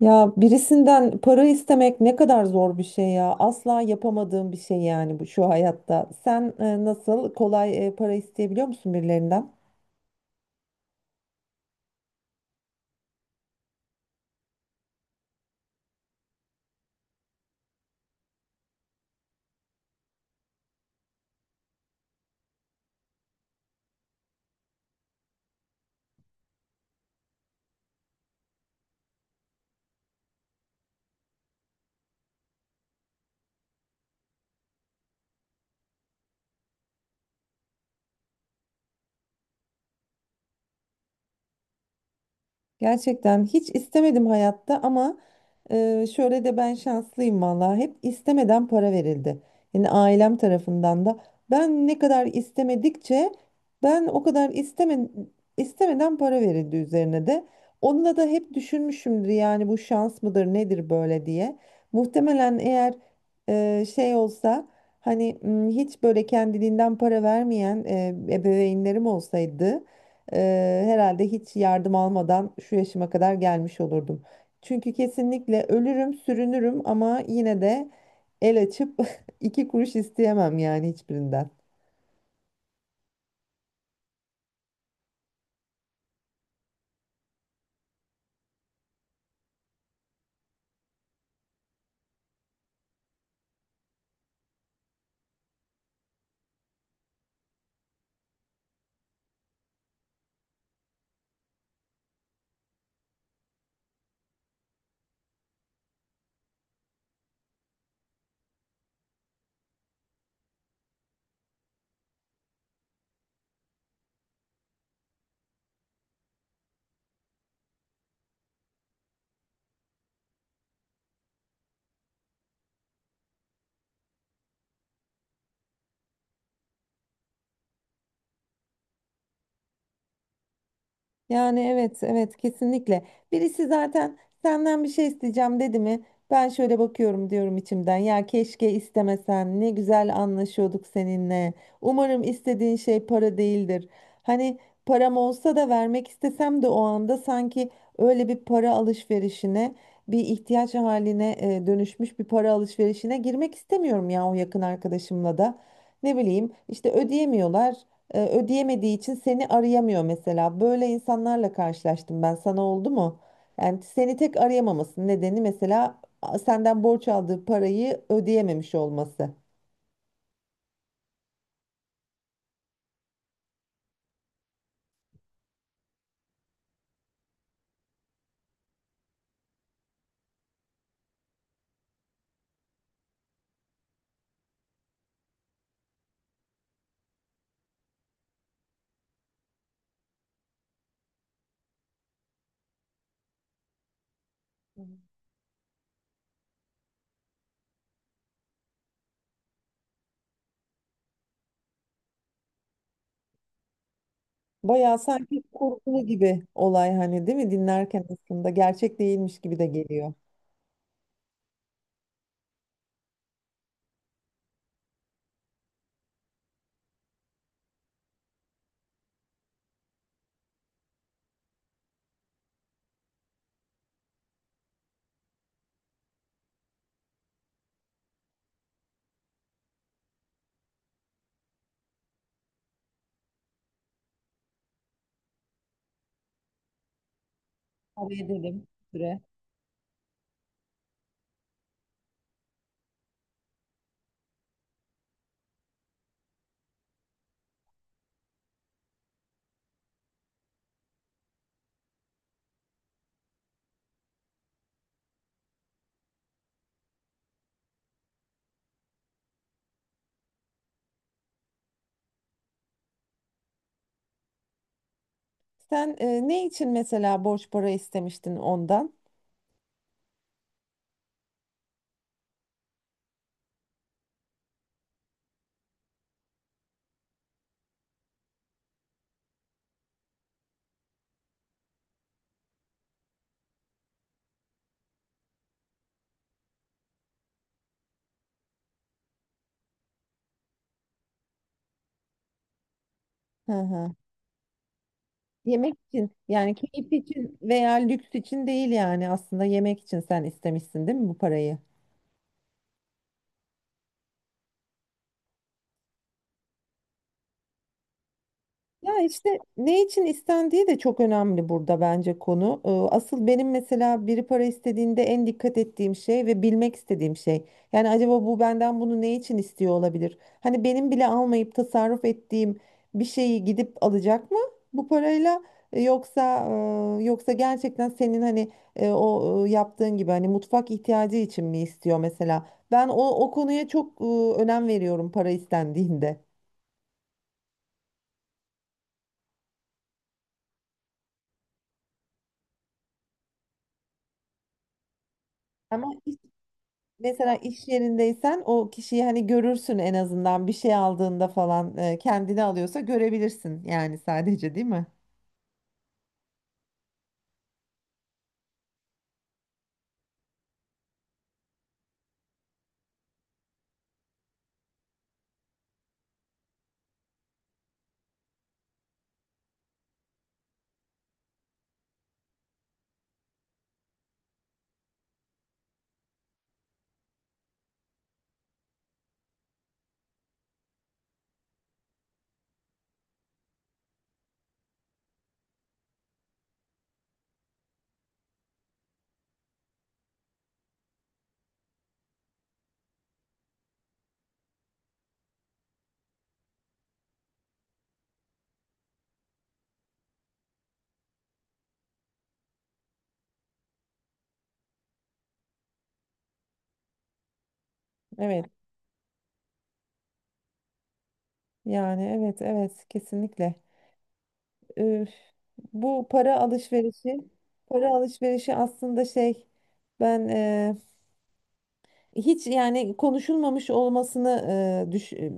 Ya birisinden para istemek ne kadar zor bir şey ya. Asla yapamadığım bir şey yani bu şu hayatta. Sen nasıl kolay para isteyebiliyor musun birilerinden? Gerçekten hiç istemedim hayatta ama şöyle de ben şanslıyım vallahi hep istemeden para verildi. Yani ailem tarafından da ben ne kadar istemedikçe ben o kadar istemeden para verildi üzerine de. Onunla da hep düşünmüşümdür yani bu şans mıdır nedir böyle diye. Muhtemelen eğer şey olsa hani hiç böyle kendiliğinden para vermeyen ebeveynlerim olsaydı. Herhalde hiç yardım almadan şu yaşıma kadar gelmiş olurdum. Çünkü kesinlikle ölürüm, sürünürüm ama yine de el açıp iki kuruş isteyemem yani hiçbirinden. Yani evet evet kesinlikle. Birisi zaten senden bir şey isteyeceğim dedi mi? Ben şöyle bakıyorum diyorum içimden. Ya keşke istemesen. Ne güzel anlaşıyorduk seninle. Umarım istediğin şey para değildir. Hani param olsa da vermek istesem de o anda sanki öyle bir para alışverişine, bir ihtiyaç haline dönüşmüş bir para alışverişine girmek istemiyorum ya o yakın arkadaşımla da. Ne bileyim işte ödeyemiyorlar ödeyemediği için seni arayamıyor mesela. Böyle insanlarla karşılaştım ben. Sana oldu mu? Yani seni tek arayamamasının nedeni mesela senden borç aldığı parayı ödeyememiş olması. Bayağı sanki kurgulu gibi olay hani değil mi? Dinlerken aslında gerçek değilmiş gibi de geliyor. Araya edelim. Süre. Sen ne için mesela borç para istemiştin ondan? Hı hı. Yemek için yani keyif için veya lüks için değil yani aslında yemek için sen istemişsin değil mi bu parayı? Ya işte ne için istendiği de çok önemli burada bence konu. Asıl benim mesela biri para istediğinde en dikkat ettiğim şey ve bilmek istediğim şey. Yani acaba bu benden bunu ne için istiyor olabilir? Hani benim bile almayıp tasarruf ettiğim bir şeyi gidip alacak mı bu parayla? Yoksa gerçekten senin hani o yaptığın gibi hani mutfak ihtiyacı için mi istiyor mesela? Ben o konuya çok önem veriyorum para istendiğinde. Ama mesela iş yerindeysen o kişiyi hani görürsün en azından bir şey aldığında falan kendini alıyorsa görebilirsin yani sadece değil mi? Evet yani evet evet kesinlikle. Üf, bu para alışverişi aslında şey ben hiç yani konuşulmamış olmasını e, düş- e,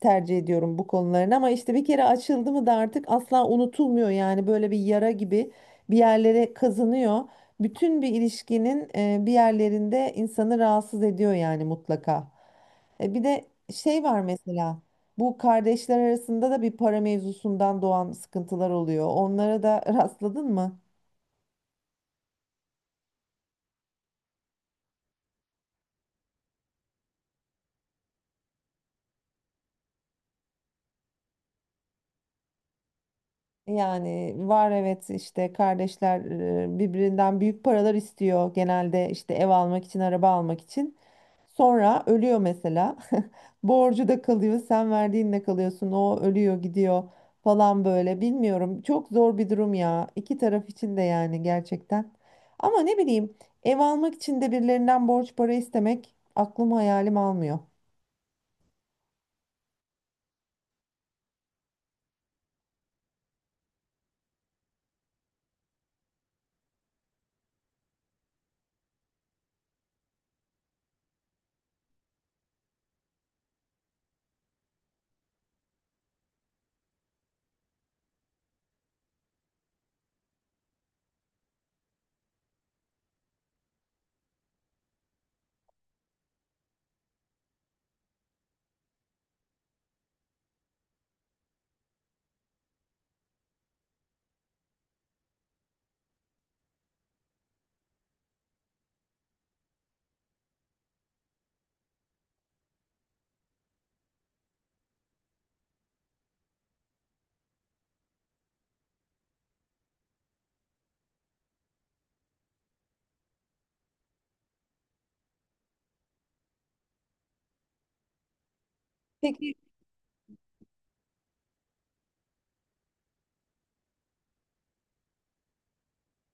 tercih ediyorum bu konuların ama işte bir kere açıldı mı da artık asla unutulmuyor yani böyle bir yara gibi bir yerlere kazınıyor. Bütün bir ilişkinin bir yerlerinde insanı rahatsız ediyor yani mutlaka. Bir de şey var mesela bu kardeşler arasında da bir para mevzusundan doğan sıkıntılar oluyor. Onlara da rastladın mı? Yani var evet işte kardeşler birbirinden büyük paralar istiyor genelde işte ev almak için araba almak için. Sonra ölüyor mesela. Borcu da kalıyor sen verdiğinle kalıyorsun o ölüyor gidiyor falan böyle bilmiyorum. Çok zor bir durum ya iki taraf için de yani gerçekten. Ama ne bileyim ev almak için de birilerinden borç para istemek aklım hayalim almıyor. Peki,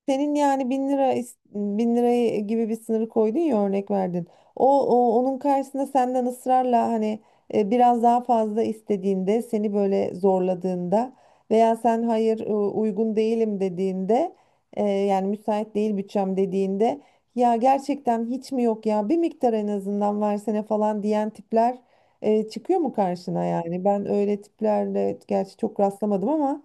senin yani 1.000 lirayı gibi bir sınırı koydun ya örnek verdin. O onun karşısında senden ısrarla hani biraz daha fazla istediğinde seni böyle zorladığında veya sen hayır uygun değilim dediğinde yani müsait değil bütçem dediğinde ya gerçekten hiç mi yok ya bir miktar en azından versene falan diyen tipler çıkıyor mu karşına yani? Ben öyle tiplerle gerçi çok rastlamadım ama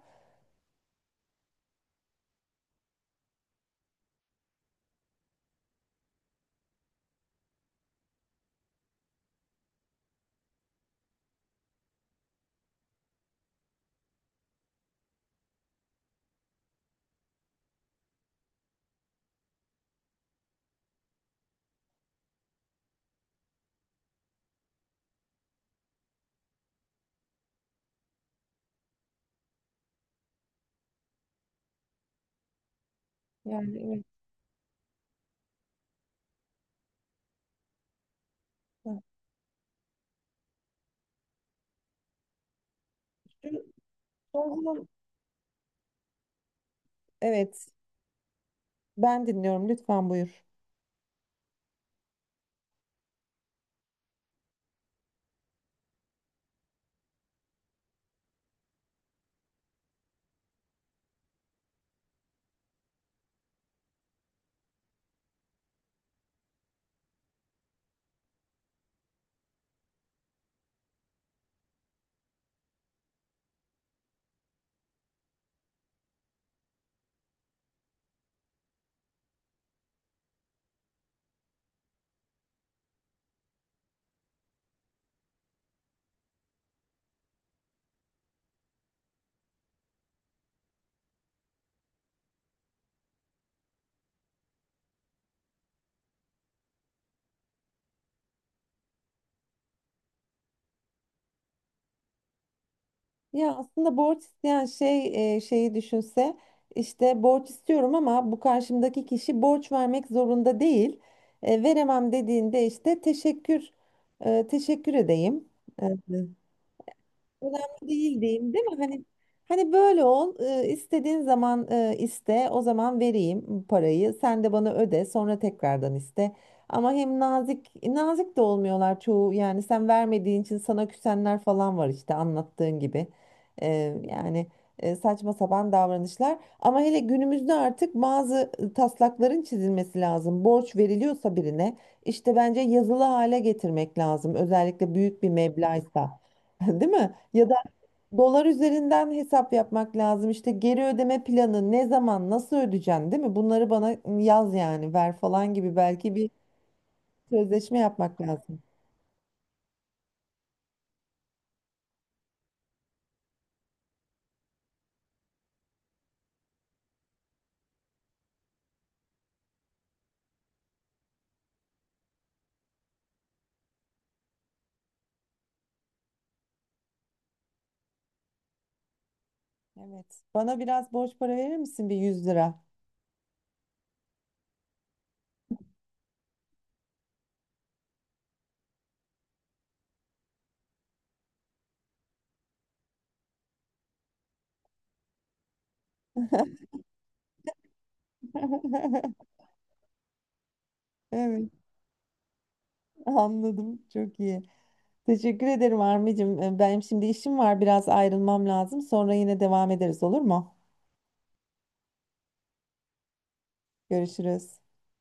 yani evet. Şu son zaman- Evet. Ben dinliyorum lütfen buyur. Ya aslında borç isteyen şeyi düşünse işte borç istiyorum ama bu karşımdaki kişi borç vermek zorunda değil. Veremem dediğinde işte teşekkür edeyim. E, Önemli değil diyeyim değil mi? Hani böyle istediğin zaman iste o zaman vereyim parayı sen de bana öde sonra tekrardan iste. Ama hem nazik nazik de olmuyorlar çoğu yani sen vermediğin için sana küsenler falan var işte anlattığın gibi. E, Yani saçma sapan davranışlar ama hele günümüzde artık bazı taslakların çizilmesi lazım. Borç veriliyorsa birine işte bence yazılı hale getirmek lazım özellikle büyük bir meblağsa. Değil mi? Ya da dolar üzerinden hesap yapmak lazım. İşte geri ödeme planı ne zaman nasıl ödeyeceksin değil mi? Bunları bana yaz yani ver falan gibi belki bir sözleşme yapmak lazım. Evet. Bana biraz borç para verir misin bir 100 lira? Evet, anladım. Çok iyi. Teşekkür ederim Armi'cim. Benim şimdi işim var. Biraz ayrılmam lazım. Sonra yine devam ederiz olur mu? Görüşürüz.